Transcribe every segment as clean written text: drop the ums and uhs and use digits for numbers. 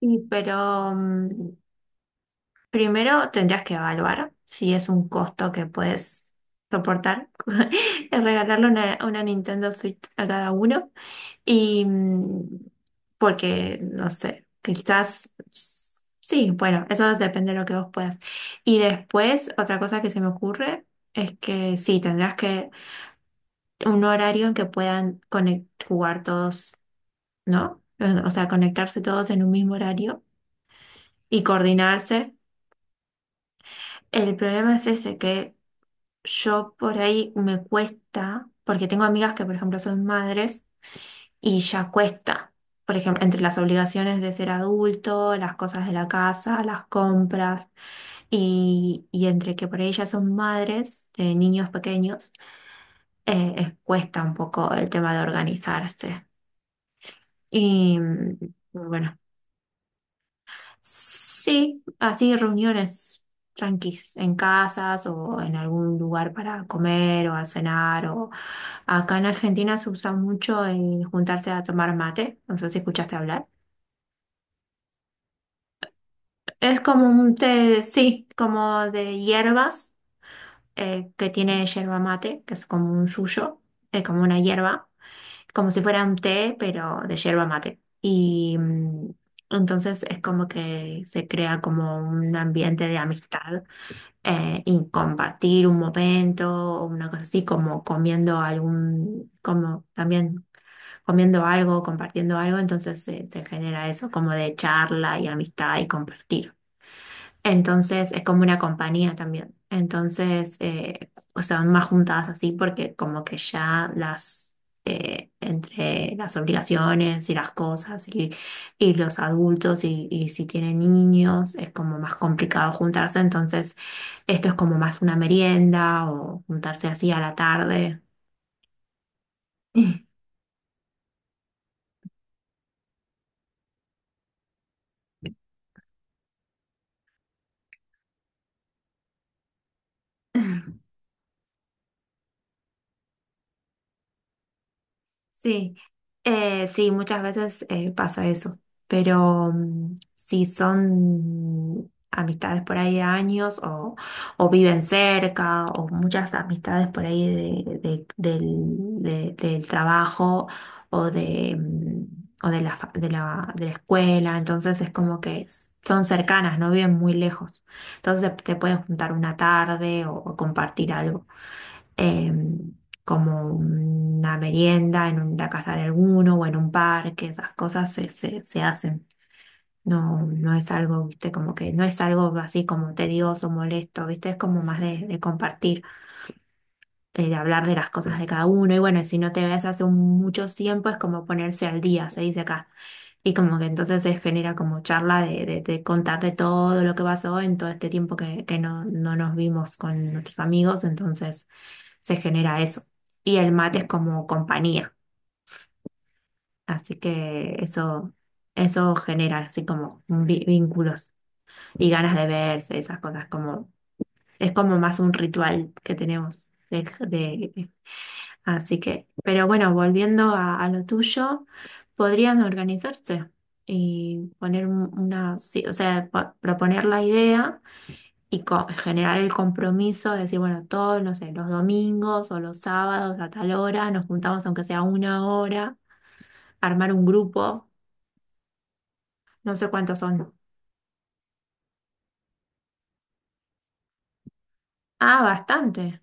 Sí, pero primero tendrías que evaluar si es un costo que puedes soportar, el regalarle una Nintendo Switch a cada uno. Y porque, no sé, quizás sí, bueno, eso depende de lo que vos puedas. Y después, otra cosa que se me ocurre es que sí, tendrás que un horario en que puedan jugar todos, ¿no? O sea, conectarse todos en un mismo horario y coordinarse. El problema es ese, que yo por ahí me cuesta, porque tengo amigas que, por ejemplo, son madres y ya cuesta. Por ejemplo, entre las obligaciones de ser adulto, las cosas de la casa, las compras, y entre que por ahí ya son madres de niños pequeños, cuesta un poco el tema de organizarse. Y bueno, sí, así reuniones tranquis, en casas o en algún lugar para comer o a cenar. O... Acá en Argentina se usa mucho el juntarse a tomar mate, no sé si escuchaste hablar. Es como un té, sí, como de hierbas, que tiene yerba mate, que es como un suyo, como una hierba, como si fuera un té, pero de yerba mate. Y entonces es como que se crea como un ambiente de amistad, y compartir un momento o una cosa así, como comiendo algún, como también comiendo algo, compartiendo algo, entonces se genera eso como de charla y amistad y compartir. Entonces es como una compañía también. Entonces, o sea, van más juntadas así porque como que ya las, entre las obligaciones y las cosas y los adultos y si tienen niños es como más complicado juntarse. Entonces, esto es como más una merienda o juntarse así a la tarde. Sí, sí, muchas veces pasa eso, pero si son amistades por ahí de años o viven cerca o muchas amistades por ahí de, del trabajo o de, o de de de la escuela, entonces es como que son cercanas, no viven muy lejos, entonces te pueden juntar una tarde o compartir algo, em, como una merienda en la casa de alguno o en un parque, esas cosas se hacen. No, no es algo, viste, como que no es algo así como tedioso, molesto, viste, es como más de compartir, de hablar de las cosas de cada uno. Y bueno, si no te ves hace mucho tiempo, es como ponerse al día, se dice acá. Y como que entonces se genera como charla de, de contar de todo lo que pasó en todo este tiempo que no nos vimos con nuestros amigos. Entonces se genera eso. Y el mate es como compañía, así que eso genera así como vínculos y ganas de verse, esas cosas, como, es como más un ritual que tenemos. de- de- Así que, pero bueno, volviendo a lo tuyo, podrían organizarse y poner sí, o sea, proponer la idea y generar el compromiso de decir, bueno, todos, no sé, los domingos o los sábados a tal hora, nos juntamos aunque sea una hora, armar un grupo, no sé cuántos son. Ah, bastante.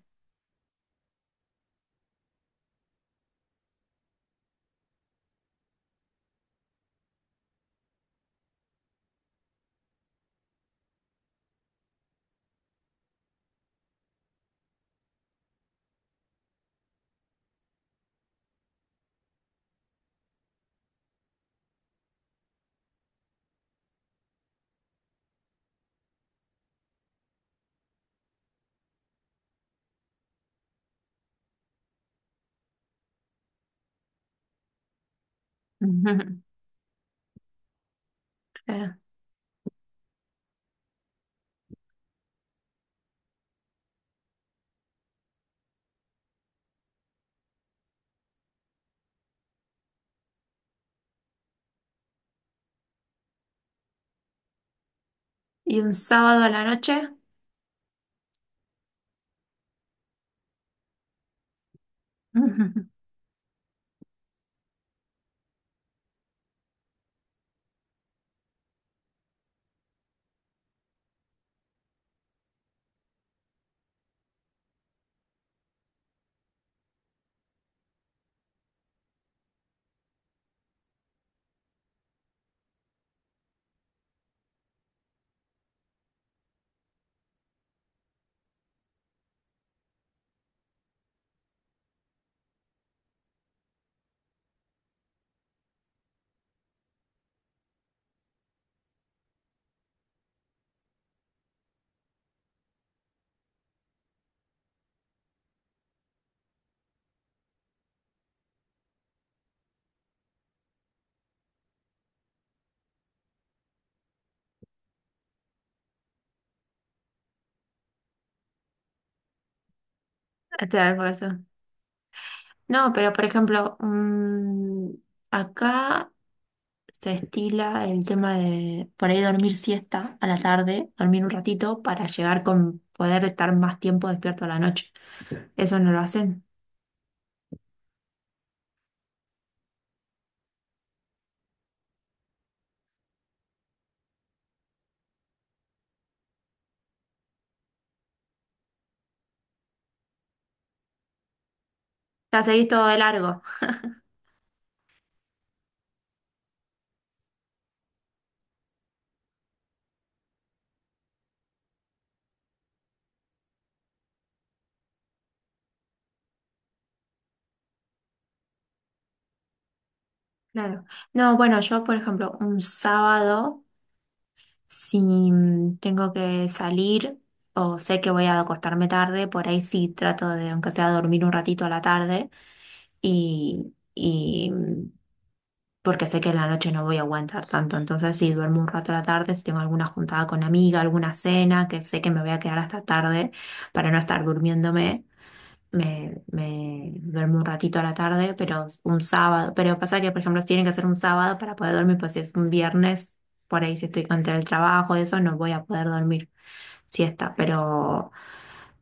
Claro. ¿Y un sábado a la noche? Ujú. Te da el almuerzo. No, pero por ejemplo, acá se estila el tema de por ahí dormir siesta a la tarde, dormir un ratito para llegar con poder estar más tiempo despierto a la noche. Eso no lo hacen. Ya seguís todo de largo. Claro. No, bueno, yo, por ejemplo, un sábado, si tengo que salir o sé que voy a acostarme tarde, por ahí sí trato de, aunque sea, dormir un ratito a la tarde y porque sé que en la noche no voy a aguantar tanto. Entonces, si duermo un rato a la tarde, si tengo alguna juntada con amiga, alguna cena, que sé que me voy a quedar hasta tarde para no estar durmiéndome. Me duermo un ratito a la tarde, pero un sábado. Pero pasa que, por ejemplo, tiene que ser un sábado para poder dormir, pues si es un viernes, por ahí si estoy contra el trabajo, eso, no voy a poder dormir siesta. Pero,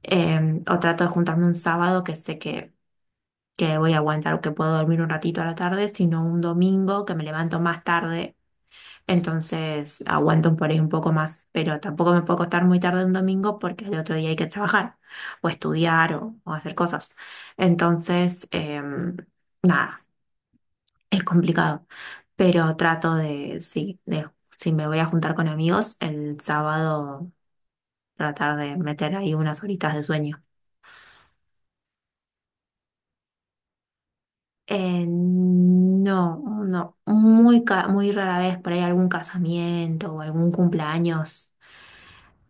o trato de juntarme un sábado que sé que voy a aguantar o que puedo dormir un ratito a la tarde, sino un domingo que me levanto más tarde entonces aguanto por ahí un poco más, pero tampoco me puedo acostar muy tarde un domingo porque el otro día hay que trabajar o estudiar o hacer cosas. Entonces, nada, es complicado, pero trato de, sí, de, si me voy a juntar con amigos, el sábado tratar de meter ahí unas horitas de sueño. No, no, muy, muy rara vez por ahí algún casamiento o algún cumpleaños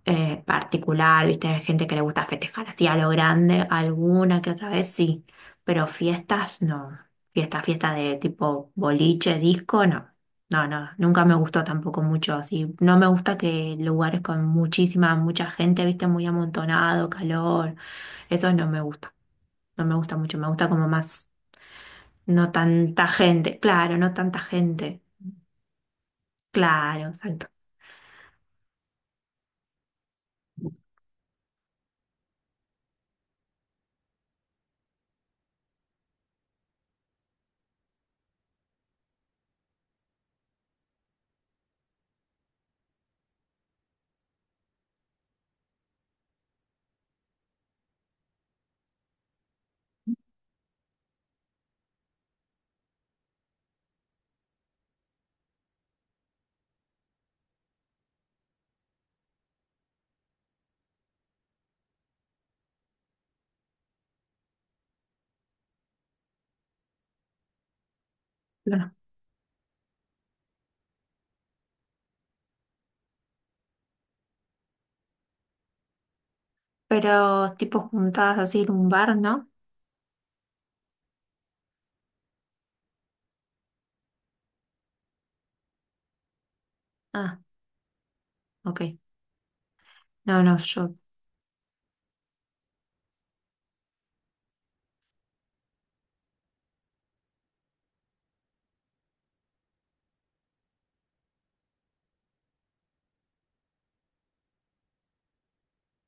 particular, viste, hay gente que le gusta festejar así a lo grande, alguna que otra vez sí, pero fiestas no, fiesta, fiesta de tipo boliche, disco, no, no, no, nunca me gustó tampoco mucho así, no me gusta que lugares con muchísima, mucha gente, viste, muy amontonado, calor, eso no me gusta, no me gusta mucho, me gusta como más, no tanta gente, claro, no tanta gente, claro, exacto, no, no. Pero tipo juntadas así en un bar, ¿no? Ah, ok. No, no, yo,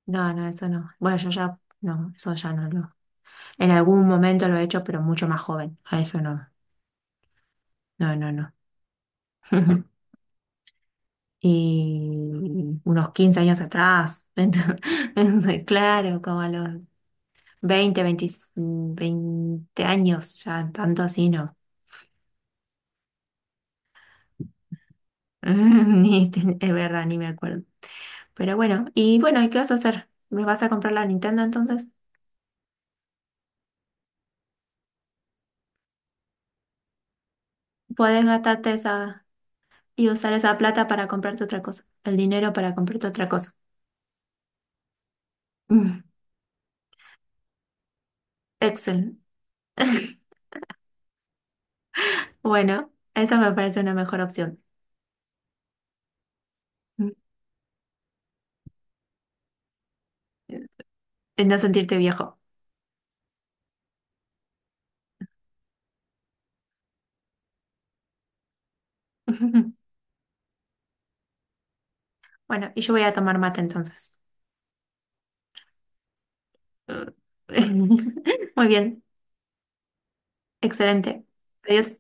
no, no, eso no. Bueno, yo ya, no, eso ya no lo. En algún momento lo he hecho, pero mucho más joven. A eso no, no, no, no. Y unos 15 años atrás, entonces, claro, como a los 20, 20, 20 años, ya tanto así no. Ni, es verdad, ni me acuerdo. Pero bueno, y bueno, ¿y qué vas a hacer? ¿Me vas a comprar la Nintendo entonces? Podés gastarte esa y usar esa plata para comprarte otra cosa, el dinero para comprarte otra cosa. Mm, Excel. Bueno, esa me parece una mejor opción. Mm, En no sentirte viejo. Bueno, y yo voy a tomar mate entonces. Muy bien, excelente. Adiós.